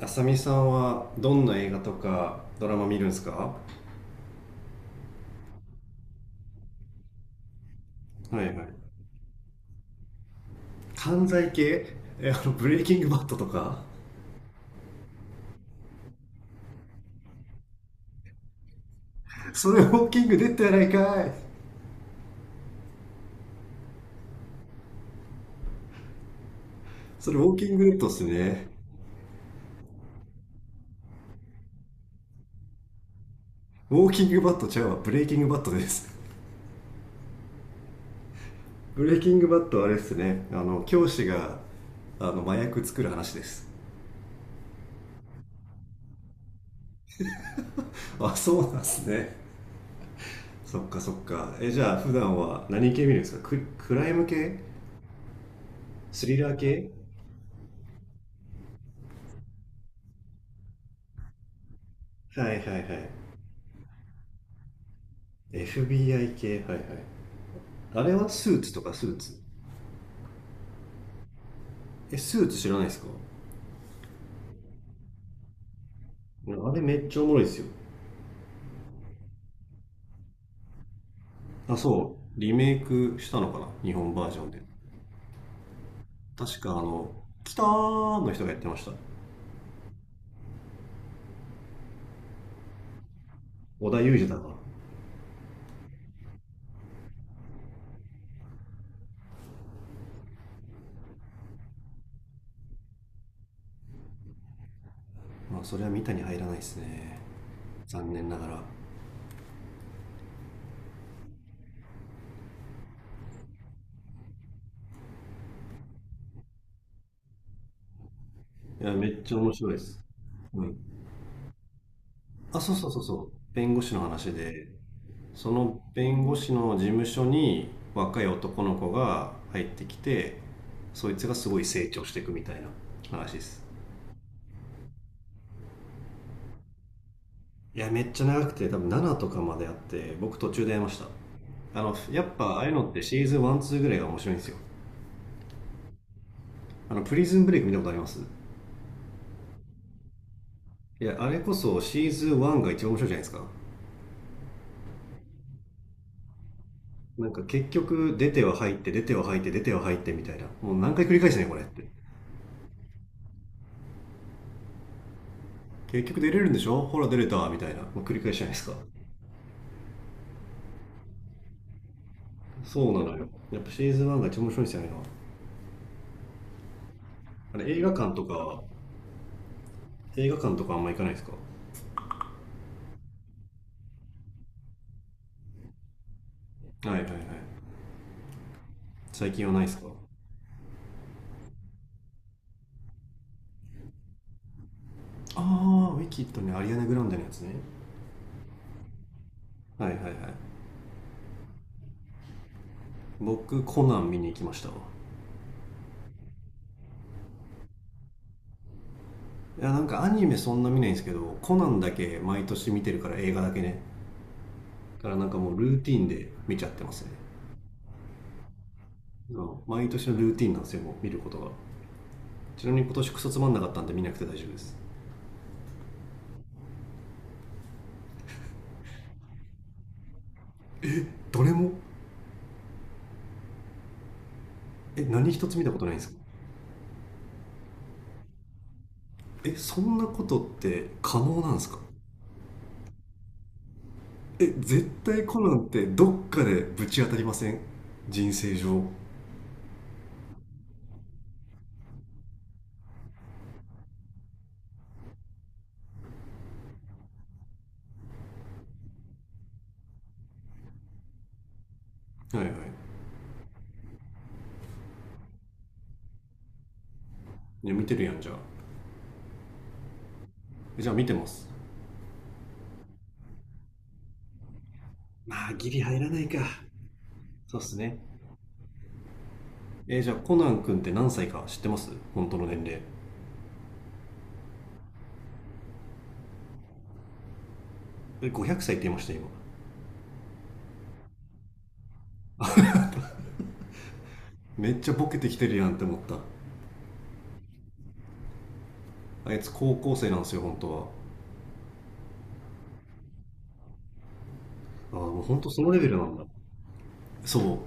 あさみさんはどんな映画とかドラマ見るんですか？はいはい。犯罪系。ブレイキングバットとか？それウォーキングデッドやないかい。それウォーキングデッドっすね。ウォーキングバットちゃうわ、ブレイキングバットです。ブレイキングバットはあれっすね、教師が麻薬作る話です。あ、そうなんすね。そっかそっか。じゃあ普段は何系見るんですか？クライム系？スリラー系？はいはいはい。 FBI 系はいはい。あれはスーツとか。スーツ。え、スーツ知らないですか？あれめっちゃおもろいですよ。あ、そう。リメイクしたのかな、日本バージョンで。確かキターンの人がやってました。織田裕二だから。まあ、それは見たに入らないですね。残念ながら。いや、めっちゃ面白いです。うん。あ、そうそうそうそう。弁護士の話で、その弁護士の事務所に若い男の子が入ってきて、そいつがすごい成長していくみたいな話です。いやめっちゃ長くて、多分7とかまであって、僕途中でやめました。やっぱああいうのってシーズン12ぐらいが面白いんですよ。プリズンブレイク見たことあります？いや、あれこそシーズン1が一番面白いじゃないですか。なんか結局出ては入って、出ては入って、出ては入ってみたいな。もう何回繰り返すねこれって。結局出れるんでしょ、ほら出れたみたいな、もう繰り返しじゃないですか。そうなのよ、やっぱシーズン1が一番面白いんですよね。あれ映画館とか、映画館とかあんま行かないですか？はいはいはい。最近はないですか？ああ、ウィキッドね。アリアナ・グランデのやつね。はいはいはい。僕コナン見に行きましたわ。いや、なんかアニメそんな見ないんですけど、コナンだけ毎年見てるから、映画だけね。だからなんかもうルーティンで見ちゃってますね。うん、毎年のルーティンなんですよ、もう見ることが。ちなみに今年クソつまんなかったんで見なくて大丈夫です。どれも？え、何一つ見たことないんですか？えそんなことって可能なんですか？え、絶対コナンってどっかでぶち当たりません？人生上はいはい。いや、見てるやんじゃあ。じゃあ見てます。まあ、ギリ入らないか。そうっすね。えーじゃあコナン君って何歳か知ってます？本当の年齢。え、500歳って言いました、今？めっちゃボケてきてるやんって思った。あいつ高校生なんですよ、本当は。ああ、もう本当そのレベルなんだ。そう。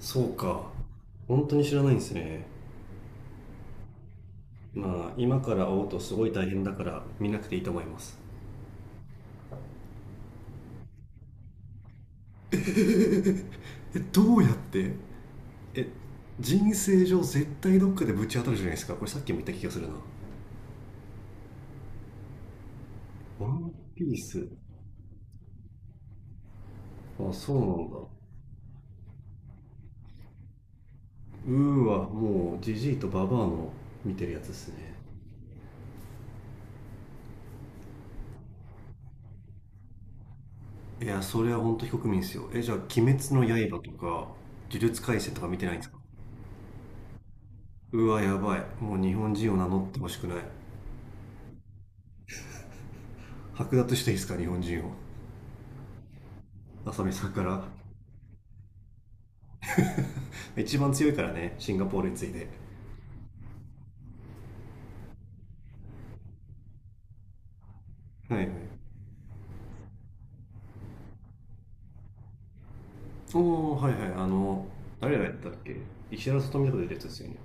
そうか。本当に知らないんですね。まあ、今から会おうとすごい大変だから見なくていいと思います。え、どうやって？え、人生上絶対どっかでぶち当たるじゃないですか。これさっきも言った気がするな。ワンピース。あ、そうなんだ。うーはもうジジイとババアの見てるやつですね。いやそれは本当非国民ですよ。じゃあ「鬼滅の刃」とか「呪術廻戦」とか見てないんですか？うわやばい、もう日本人を名乗ってほしくない。剥奪していいですか、日本人を、浅見さんから。 一番強いからね、シンガポールに次いで。はいはい。お、おはいはい。誰がやったっけ。石原さとみとか出るやつですよね？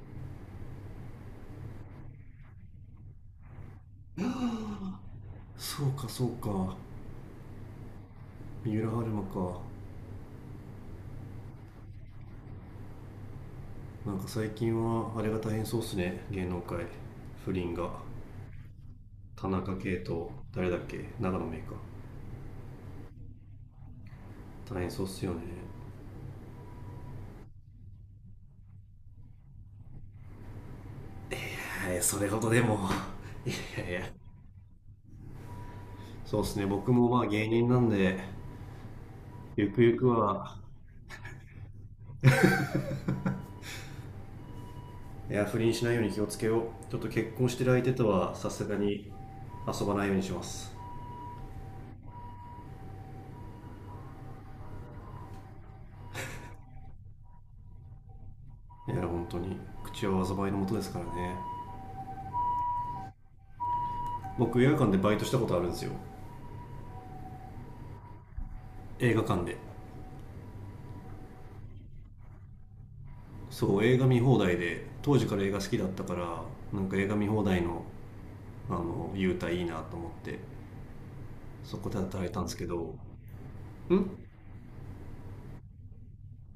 そうかそうか、三浦春馬か。なんか最近はあれが大変そうっすね、芸能界。不倫が。田中圭と誰だっけ、長野メイか。大変そうっすよね。はい、それほどでも。いやいや。そうっすね、僕もまあ芸人なんで。ゆくゆくは、いや不倫しないように気をつけよう。ちょっと結婚してる相手とはさすがに遊ばないようにします。いや本当に、口は災いのもとですからね。僕映画館でバイトしたことあるんですよ。映画館で。そう、映画見放題で、当時から映画好きだったから、なんか映画見放題の優待いいなと思って、そこで働いたんですけど。ん？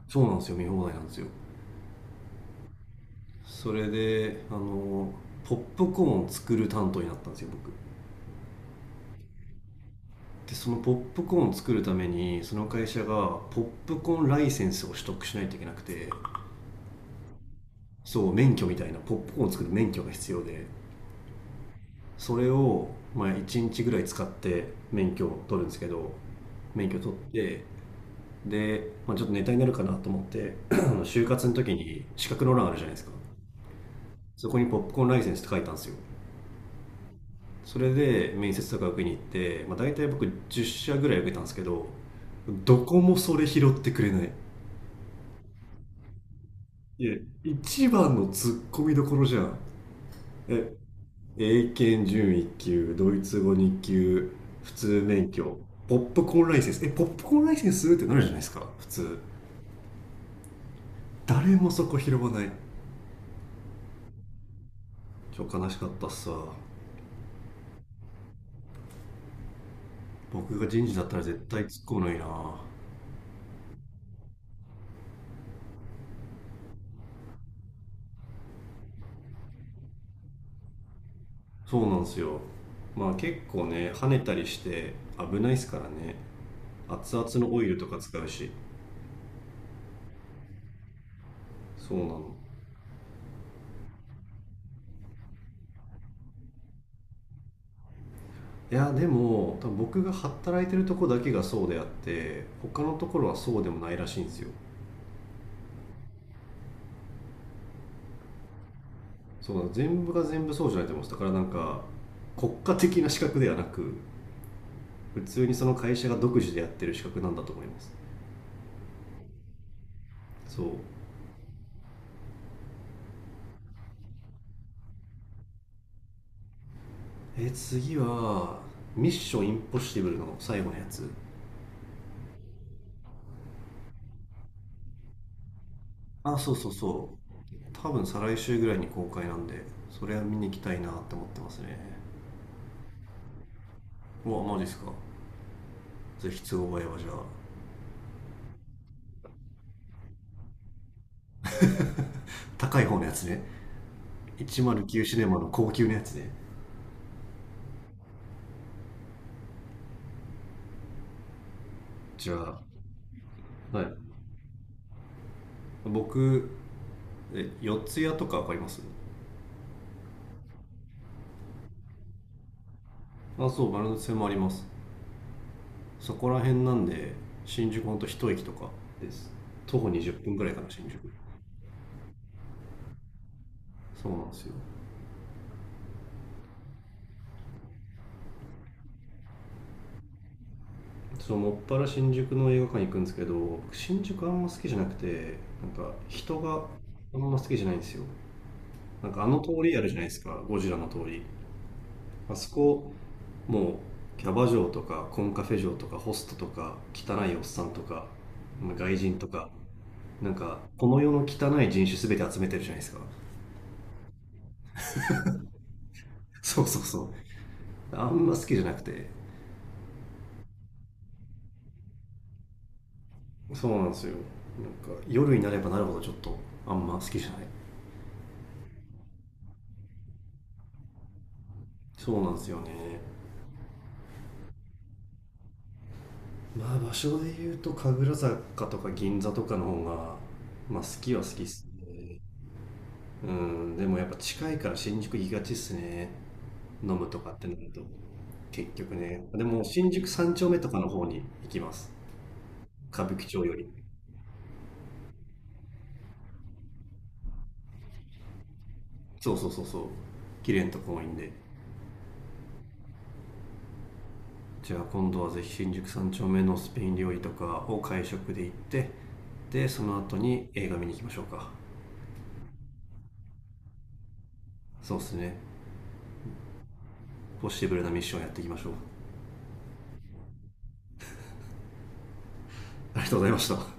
そうなんですよ、見放題なんですよ。それでポップコーン作る担当になったんですよ、僕。でそのポップコーン作るために、その会社がポップコーンライセンスを取得しないといけなくて。そう、免許みたいな、ポップコーン作る免許が必要で、それを、まあ、1日ぐらい使って免許を取るんですけど、免許取って、で、まあ、ちょっとネタになるかなと思って、 就活の時に資格の欄あるじゃないですか。そこにポップコーンライセンスって書いたんですよ。それで面接とか受けに行って、まあ、大体僕10社ぐらい受けたんですけど、どこもそれ拾ってくれない。いや、一番のツッコミどころじゃん。え、英検準一級、ドイツ語二級、普通免許、ポップコーンライセンス。ポップコーンライセンスってなるじゃないですか、普通。誰もそこ拾わない。今日悲しかったっすわ。僕が人事だったら絶対突っ込むのにな。そうなんですよ。まあ結構ね、跳ねたりして危ないですからね。熱々のオイルとか使うし。そうなの。いや、でも、多分僕が働いてるとこだけがそうであって、他のところはそうでもないらしいんですよ。そうなの。全部が全部そうじゃないと思うんです。だからなんか、国家的な資格ではなく、普通にその会社が独自でやってる資格なんだと思います。そう。え、次は、ミッションインポッシブルの最後のやつ。あ、そうそうそう。多分再来週ぐらいに公開なんで、それは見に行きたいなって思ってますね。うわ、マジっすか。ぜひ都合合えばじゃあ。高い方のやつね。109シネマの高級なやつね。じゃあ、はい。僕、え、四谷とかわかります？あ、そう、丸ノ内線もあります。そこら辺なんで、新宿ほんと一駅とかです。徒歩20分ぐらいかな、新宿。そうなんですよ。そう、もっぱら新宿の映画館行くんですけど、僕新宿あんま好きじゃなくて、なんか人があんま好きじゃないんですよ。なんかあの通りあるじゃないですか、ゴジラの通り。あそこもう、キャバ嬢とかコンカフェ嬢とかホストとか汚いおっさんとか、まあ外人とか、なんかこの世の汚い人種すべて集めてるじゃないですか。そうそうそう。あんま好きじゃなくて。そうなんですよ。なんか夜になればなるほどちょっとあんま好きじゃない。そうなんですよね。まあ場所で言うと神楽坂とか銀座とかの方がまあ好きは好きっすね。うん、でもやっぱ近いから新宿行きがちっすね、飲むとかってなると。結局ね、でも新宿三丁目とかの方に行きます、歌舞伎町より。そうそうそうそう、綺麗なとこ多いんで。じゃあ今度はぜひ新宿三丁目のスペイン料理とかを会食で行って、でその後に映画見に行きましょうか。そうですね。ポッシブルなミッションやっていきましょう。ありがとうございました。